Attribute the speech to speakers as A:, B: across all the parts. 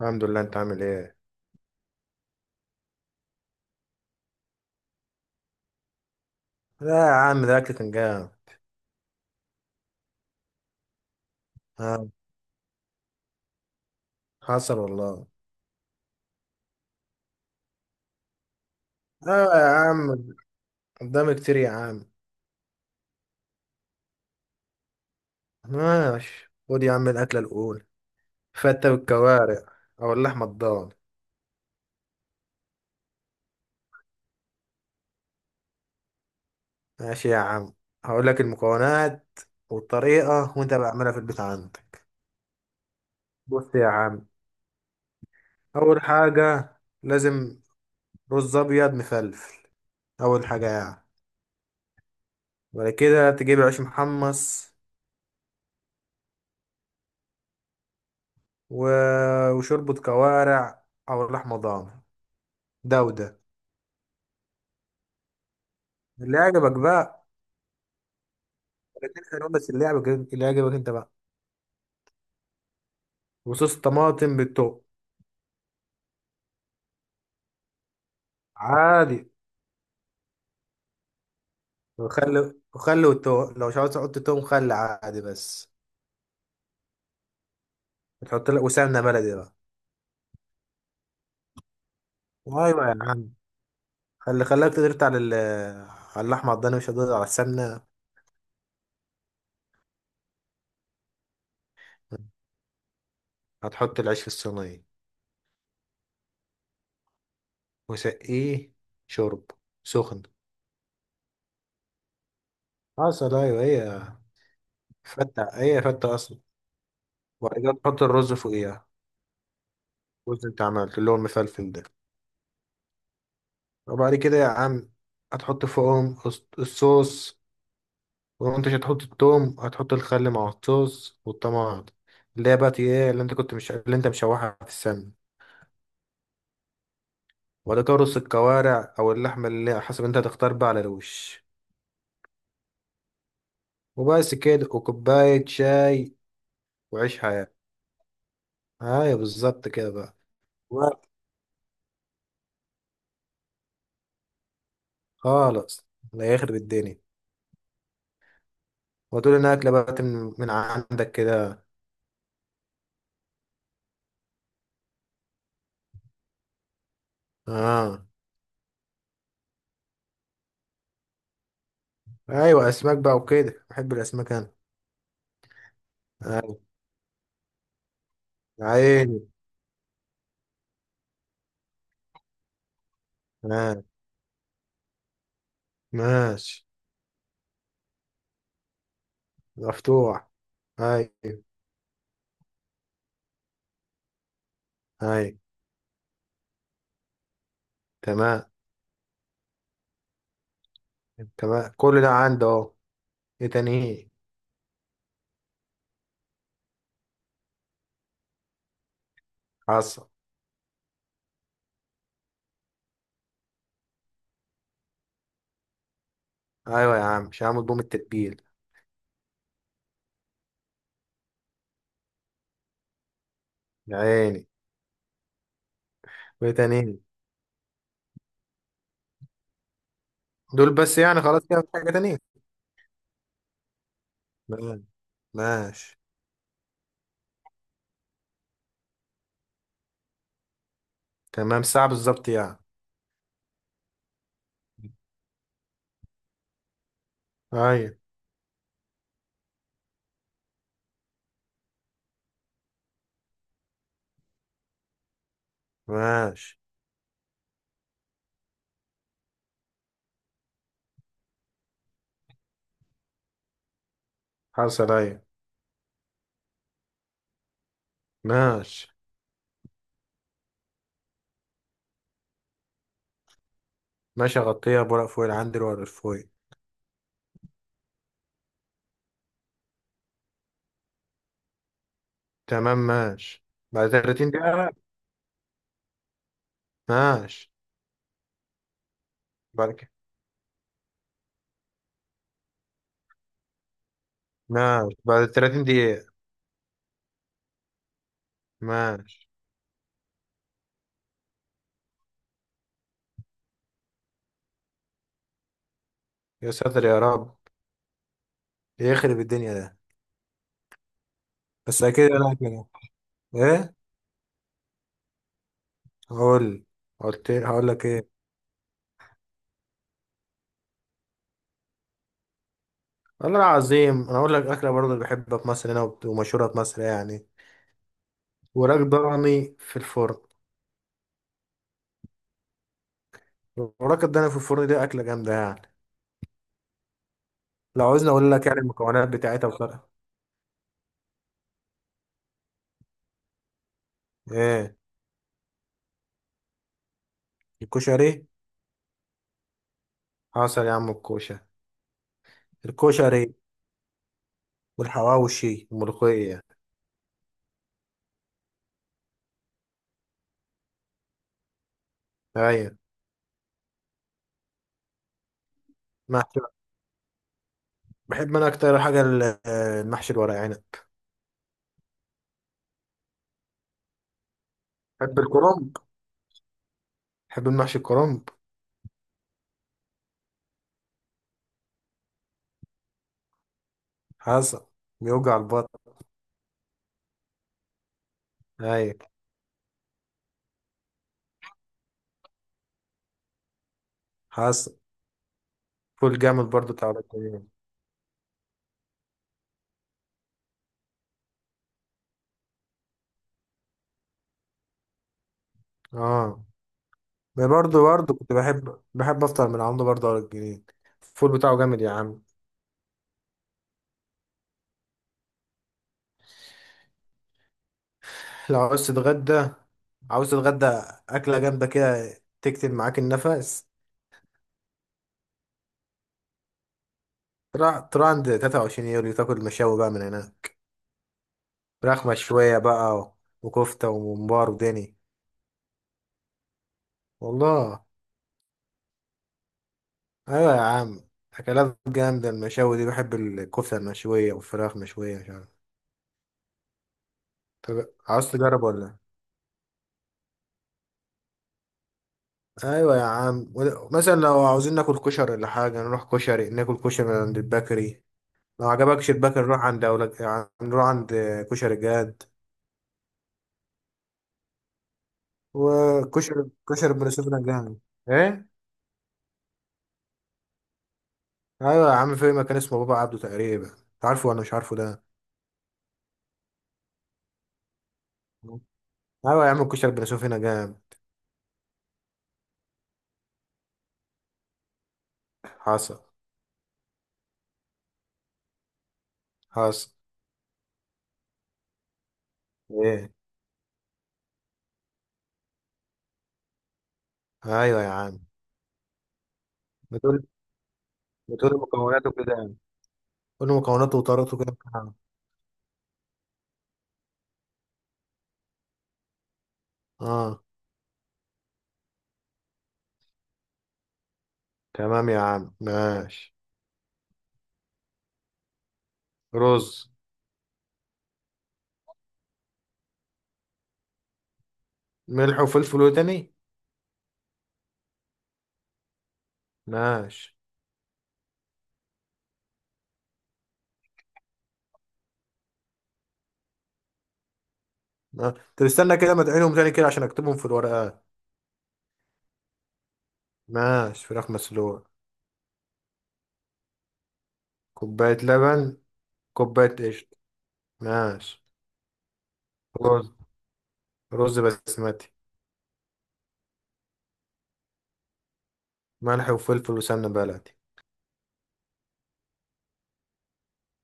A: الحمد لله، انت عامل ايه؟ لا يا عم، ده اكل فنجان. ها. حصل والله. اه يا عم، قدامي كتير يا عم. ماشي، خد يا عم الاكله الاولى: فتة بالكوارع او اللحمه الضاني. ماشي يا عم، هقول لك المكونات والطريقه وانت بعملها في البيت عندك. بص يا عم، اول حاجه لازم رز ابيض مفلفل، اول حاجه يعني. وبعد كده تجيب عيش محمص، و... وشوربه كوارع او لحمه ضاني. ده وده، اللي عجبك بقى. الاتنين حلوين، بس اللي عجبك، اللي عجبك انت بقى. وصوص طماطم بالتوم. عادي. وخل وخل، والتوم لو مش عاوز تحط توم، خل عادي بس. تحط لك وسمنه بلدي بقى. ايوه يا عم، خلي خلاك تدرت على على اللحمه، على الضاني، مش هتقدر على السمنه. هتحط العيش في الصينيه وسقيه شرب سخن. حصل ايوه هي، فته هي فته اصلا. وبعد كده تحط الرز فوقيها، الرز انت عملت اللي هو المفلفل ده. وبعد كده يا عم هتحط فوقهم الصوص. ولو انت مش هتحط التوم، هتحط الخل مع الصوص والطماطم، اللي هي بقى ايه اللي انت كنت، مش اللي انت مشوحها في السمن. وبعد كده رص الكوارع او اللحمه اللي حسب انت هتختار بقى على الوش. وبس كده، وكوبايه شاي وعيش حياتك. ايوه بالظبط كده بقى. وقت خالص. لا يخرب الدنيا، وتقول انها اكله بقى من عندك كده. اه. ايوه اسماك بقى وكده، بحب الاسماك انا. ايوه. يا عيني. آه. ماشي. مفتوح، ايوه. ايوه. تمام. تمام، كل ده عنده اهو. ايه تاني؟ ايه؟ حصل. ايوه يا عم، مش هعمل بوم التتبيل. يا عيني. وايه تاني إيه؟ دول بس يعني؟ خلاص كده، مفيش حاجه تانية. تمام. ماشي. تمام، ساعه بالظبط يعني. ايوه. ماشي. حصل ايوه. ماشي. ماشي، اغطيها بورق فويل، عندي الورق فويل. تمام ماشي، بعد 30 دقيقه. ماشي. بعد كده ماشي، بعد 30 دقيقه. ماشي. يا ساتر يا رب، يخرب الدنيا ده. بس اكيد انا كده. ايه؟ هقول. قلت إيه؟ هقول لك ايه. والله العظيم انا اقول لك اكله برضه اللي بحبها في مصر هنا، ومشهوره في مصر يعني. وراك ضاني في الفرن. وراك الضاني في الفرن دي اكله جامده يعني. لو عاوزني اقول لك يعني المكونات بتاعتها بصراحه. ايه؟ الكشري. حصل يا عم، الكوشه. الكشري والحواوشي والملوخيه. ايوه. محشي. بحب انا اكتر حاجه، المحشي الورق عنب. بحب الكرنب، بحب المحشي الكرنب. حصل. بيوجع البطن. ايوه. حصل. فول جامد برضو بتاع ولاد جنين. اه. ما برضو، كنت بحب افطر من عنده برضو ولاد جنين، الفول بتاعه جامد يا عم. لو عاوز تتغدى، عاوز تتغدى اكله جامده كده تكتم معاك النفس. تروح عند 23 يوليو، تاكل مشاوي بقى من هنا. فراخ مشويه بقى وكفته وممبار ودني. والله. ايوه يا عم، اكلات جامده المشاوي دي، بحب الكفته المشويه والفراخ مشويه، مش عارف. طب عاوز تجرب ولا؟ ايوه يا عم، مثلا لو عاوزين ناكل كشري ولا حاجه، نروح كشري ناكل كشري من عند البكري. لو عجبكش البكري نروح عند أولاد يعني، نروح عند كشري جاد. وكشري، كشري بن سويف جامد. ايه؟ ايوه يا عم، في مكان اسمه بابا عبده تقريبا، انت عارفه ولا مش عارفه ده؟ ايوه يا عم، الكشري بن سويف هنا جامد. حصل. حصل. ايه؟ ايوه يا عم. بتقول بتقول مكوناته كده يعني. قول مكوناته وطريقته كده. اه. تمام يا عم ماشي. رز. ملح وفلفل وتاني. ماشي. ما- طب استنى كده، ما تعينهم تاني كده عشان اكتبهم في الورقة. ماشي، فراخ مسلوقة. كوباية لبن، كوباية قشطة. ماشي. رز، رز بسمتي. ملح وفلفل وسمنة بلدي.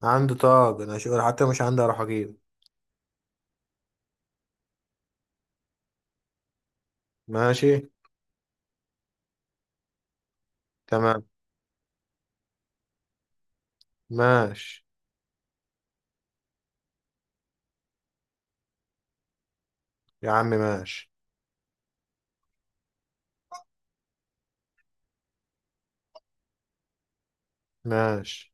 A: عندي طاجن انا شغل، حتى مش عندي، اروح اجيب. ماشي. تمام. ماشي. يا عم ماشي. ماشي.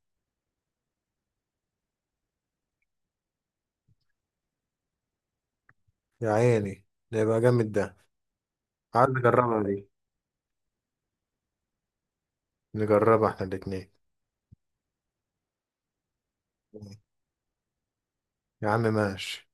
A: يا عيني، ده يبقى جامد ده. عايز نجربها دي. نجربها احنا الاتنين. يا عم ماشي.